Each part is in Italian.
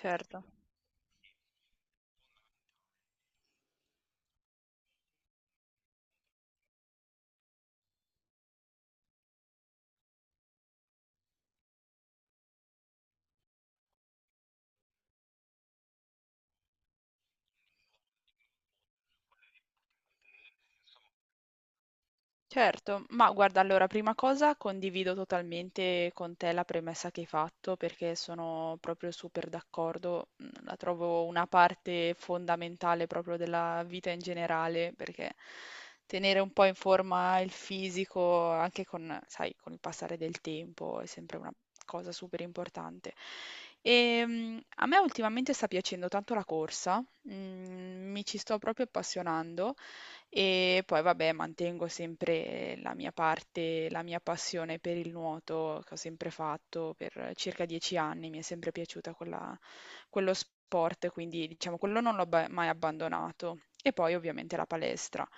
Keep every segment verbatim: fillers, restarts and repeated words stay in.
Certo, certo. Ma guarda, allora, prima cosa condivido totalmente con te la premessa che hai fatto perché sono proprio super d'accordo. Mm, la trovo una parte fondamentale proprio della vita in generale, perché tenere un po' in forma il fisico, anche con, sai, con il passare del tempo, è sempre una cosa super importante. E, mm, a me ultimamente sta piacendo tanto la corsa, mm, mi ci sto proprio appassionando. E poi vabbè, mantengo sempre la mia parte, la mia passione per il nuoto che ho sempre fatto per circa dieci anni, mi è sempre piaciuta quella- quello sport, quindi diciamo quello non l'ho ba- mai abbandonato. E poi ovviamente la palestra.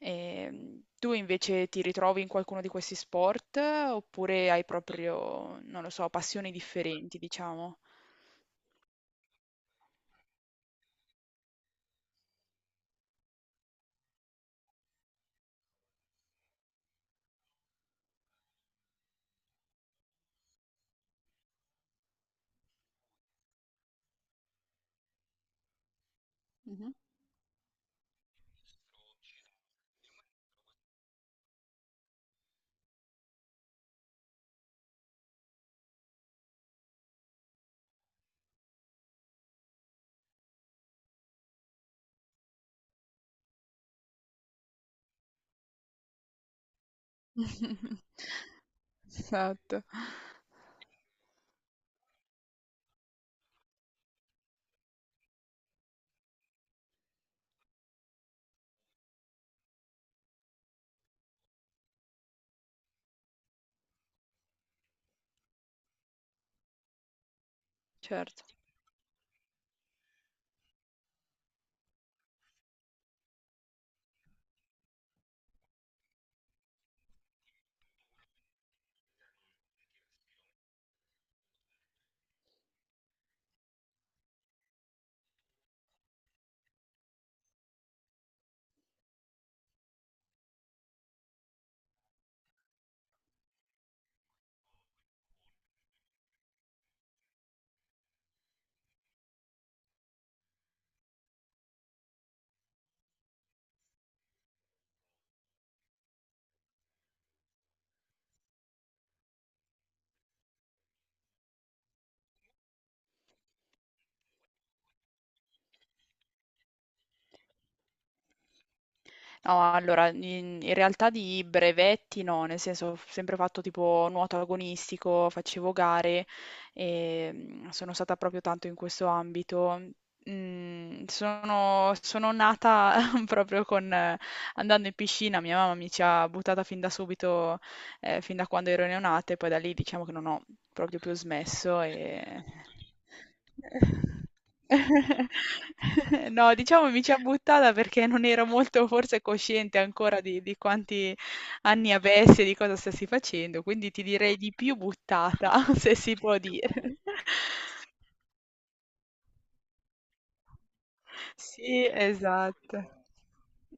Ehm, tu invece ti ritrovi in qualcuno di questi sport oppure hai proprio, non lo so, passioni differenti, diciamo? Mhm. Esatto. Certo. No, allora, in, in realtà di brevetti no, nel senso ho sempre fatto tipo nuoto agonistico, facevo gare e mm, sono stata proprio tanto in questo ambito. Mm, sono, sono nata proprio con, eh, andando in piscina, mia mamma mi ci ha buttata fin da subito, eh, fin da quando ero neonata e poi da lì diciamo che non ho proprio più smesso e no, diciamo mi ci ha buttata perché non ero molto forse cosciente ancora di di quanti anni avessi e di cosa stessi facendo, quindi ti direi di più buttata, se si può dire. Sì, esatto.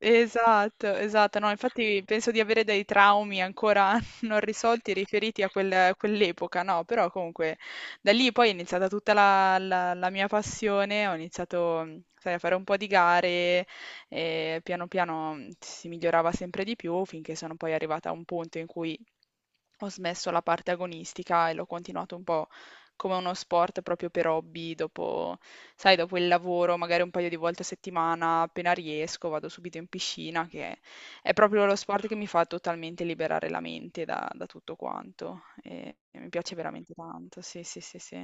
Esatto, esatto. No, infatti penso di avere dei traumi ancora non risolti riferiti a quel- quell'epoca, no? Però comunque da lì poi è iniziata tutta la, la- la mia passione, ho iniziato, mhmm, sai, a fare un po' di gare e piano piano mhmm, si migliorava sempre di più finché sono poi arrivata a un punto in cui ho smesso la parte agonistica e l'ho continuato un po' come uno sport proprio per hobby, dopo sai dopo il lavoro magari un paio di volte a settimana, appena riesco, vado subito in piscina, che è proprio lo sport che mi fa totalmente liberare la mente da da tutto quanto e e mi piace veramente tanto. Sì, sì, sì, sì.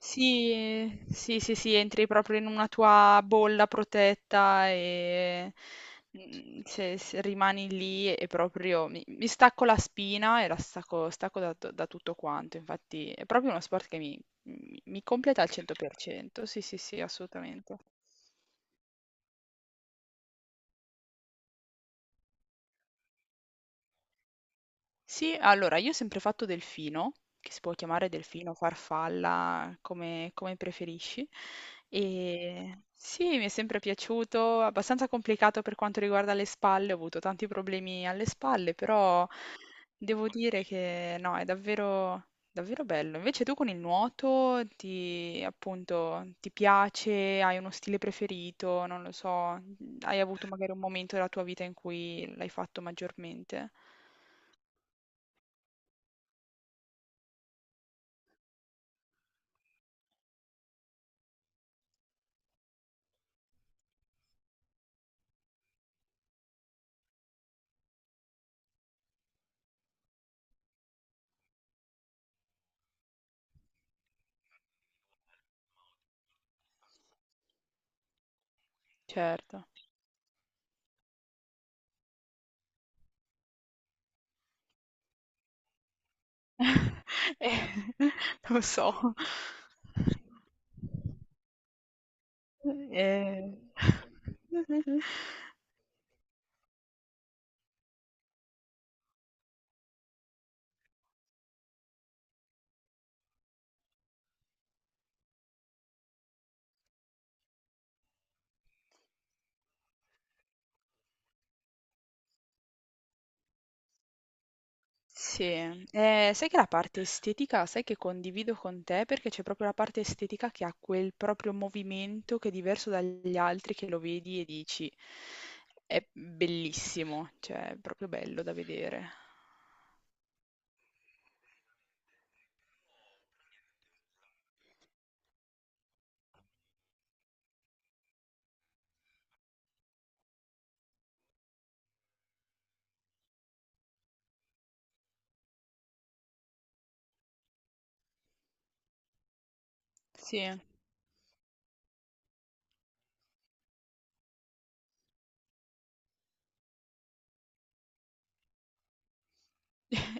Sì, sì, sì, sì, entri proprio in una tua bolla protetta e mm, se, se rimani lì e proprio mi, mi stacco la spina e la stacco, stacco da, da tutto quanto. Infatti è proprio uno sport che mi, mi mi completa al cento per cento. Sì, sì, sì, assolutamente. Sì, allora io ho sempre fatto delfino, che si può chiamare delfino, farfalla, come, come preferisci. E sì, mi è sempre piaciuto, abbastanza complicato per quanto riguarda le spalle, ho avuto tanti problemi alle spalle, però devo dire che no, è davvero, davvero bello. Invece tu con il nuoto ti, appunto, ti piace, hai uno stile preferito, non lo so, hai avuto magari un momento della tua vita in cui l'hai fatto maggiormente? Certo. Eh, lo so. Eh, Sì, eh, sai che la parte estetica, sai che condivido con te perché c'è proprio la parte estetica che ha quel proprio movimento che è diverso dagli altri, che lo vedi e dici è bellissimo, cioè è proprio bello da vedere. Sì.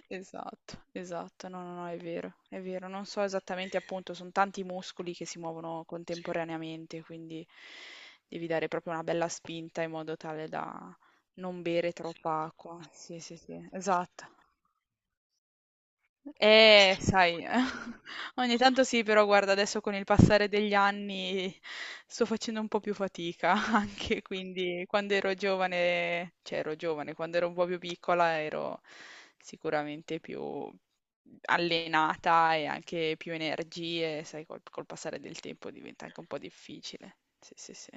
Esatto, esatto. No, no, no, è vero, è vero. Non so esattamente, appunto, sono tanti muscoli che si muovono sì, contemporaneamente, quindi devi dare proprio una bella spinta in modo tale da non bere troppa acqua. Sì, sì, sì, esatto. Eh, sai, eh, ogni tanto sì, però guarda, adesso con il passare degli anni sto facendo un po' più fatica anche, quindi quando ero giovane, cioè ero giovane, quando ero un po' più piccola ero sicuramente più allenata e anche più energie, sai, col, col passare del tempo diventa anche un po' difficile. Sì, sì, sì.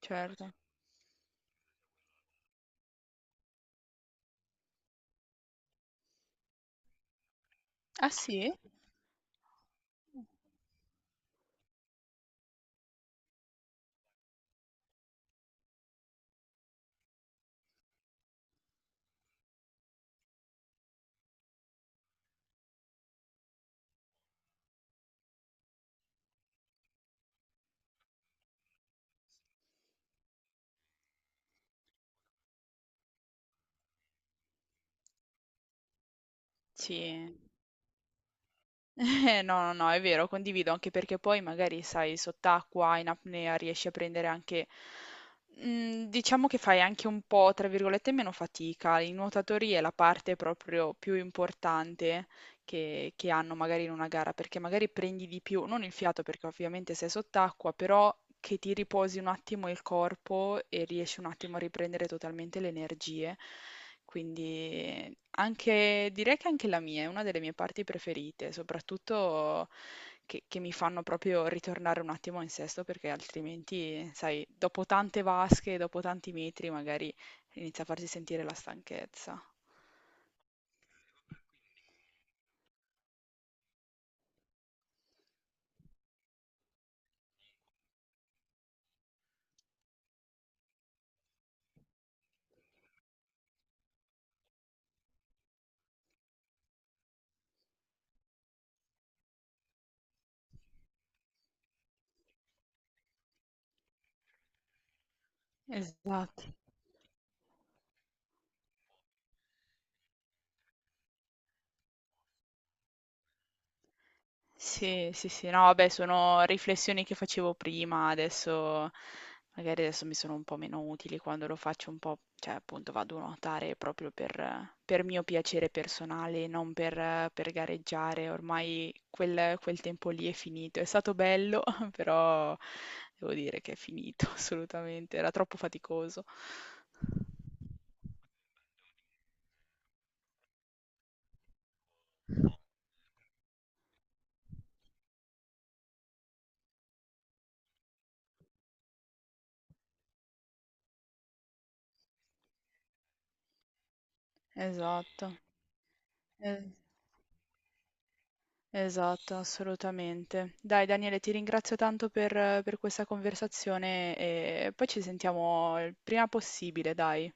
Certo. Ah sì? Sì. Eh, no, no, no, è vero, condivido, anche perché poi magari, sai, sott'acqua, in apnea, riesci a prendere anche, mm, diciamo che fai anche un po', tra virgolette, meno fatica. I nuotatori è la parte proprio più importante, che, che hanno magari in una gara, perché magari prendi di più, non il fiato perché ovviamente sei sott'acqua, però che ti riposi un attimo il corpo e riesci un attimo a riprendere totalmente le energie. Quindi anche, direi che anche la mia è una delle mie parti preferite, soprattutto che, che mi fanno proprio ritornare un attimo in sesto perché altrimenti, sai, dopo tante vasche, dopo tanti metri, magari inizia a farsi sentire la stanchezza. Esatto. Sì, sì, sì, no, vabbè, sono riflessioni che facevo prima, adesso magari adesso mi sono un po' meno utili quando lo faccio un po', cioè appunto vado a nuotare proprio per, per mio piacere personale, non per, per gareggiare, ormai quel, quel tempo lì è finito, è stato bello, però devo dire che è finito assolutamente, era troppo faticoso. Esatto. Eh, esatto, assolutamente. Dai Daniele, ti ringrazio tanto per, per questa conversazione e poi ci sentiamo il prima possibile, dai.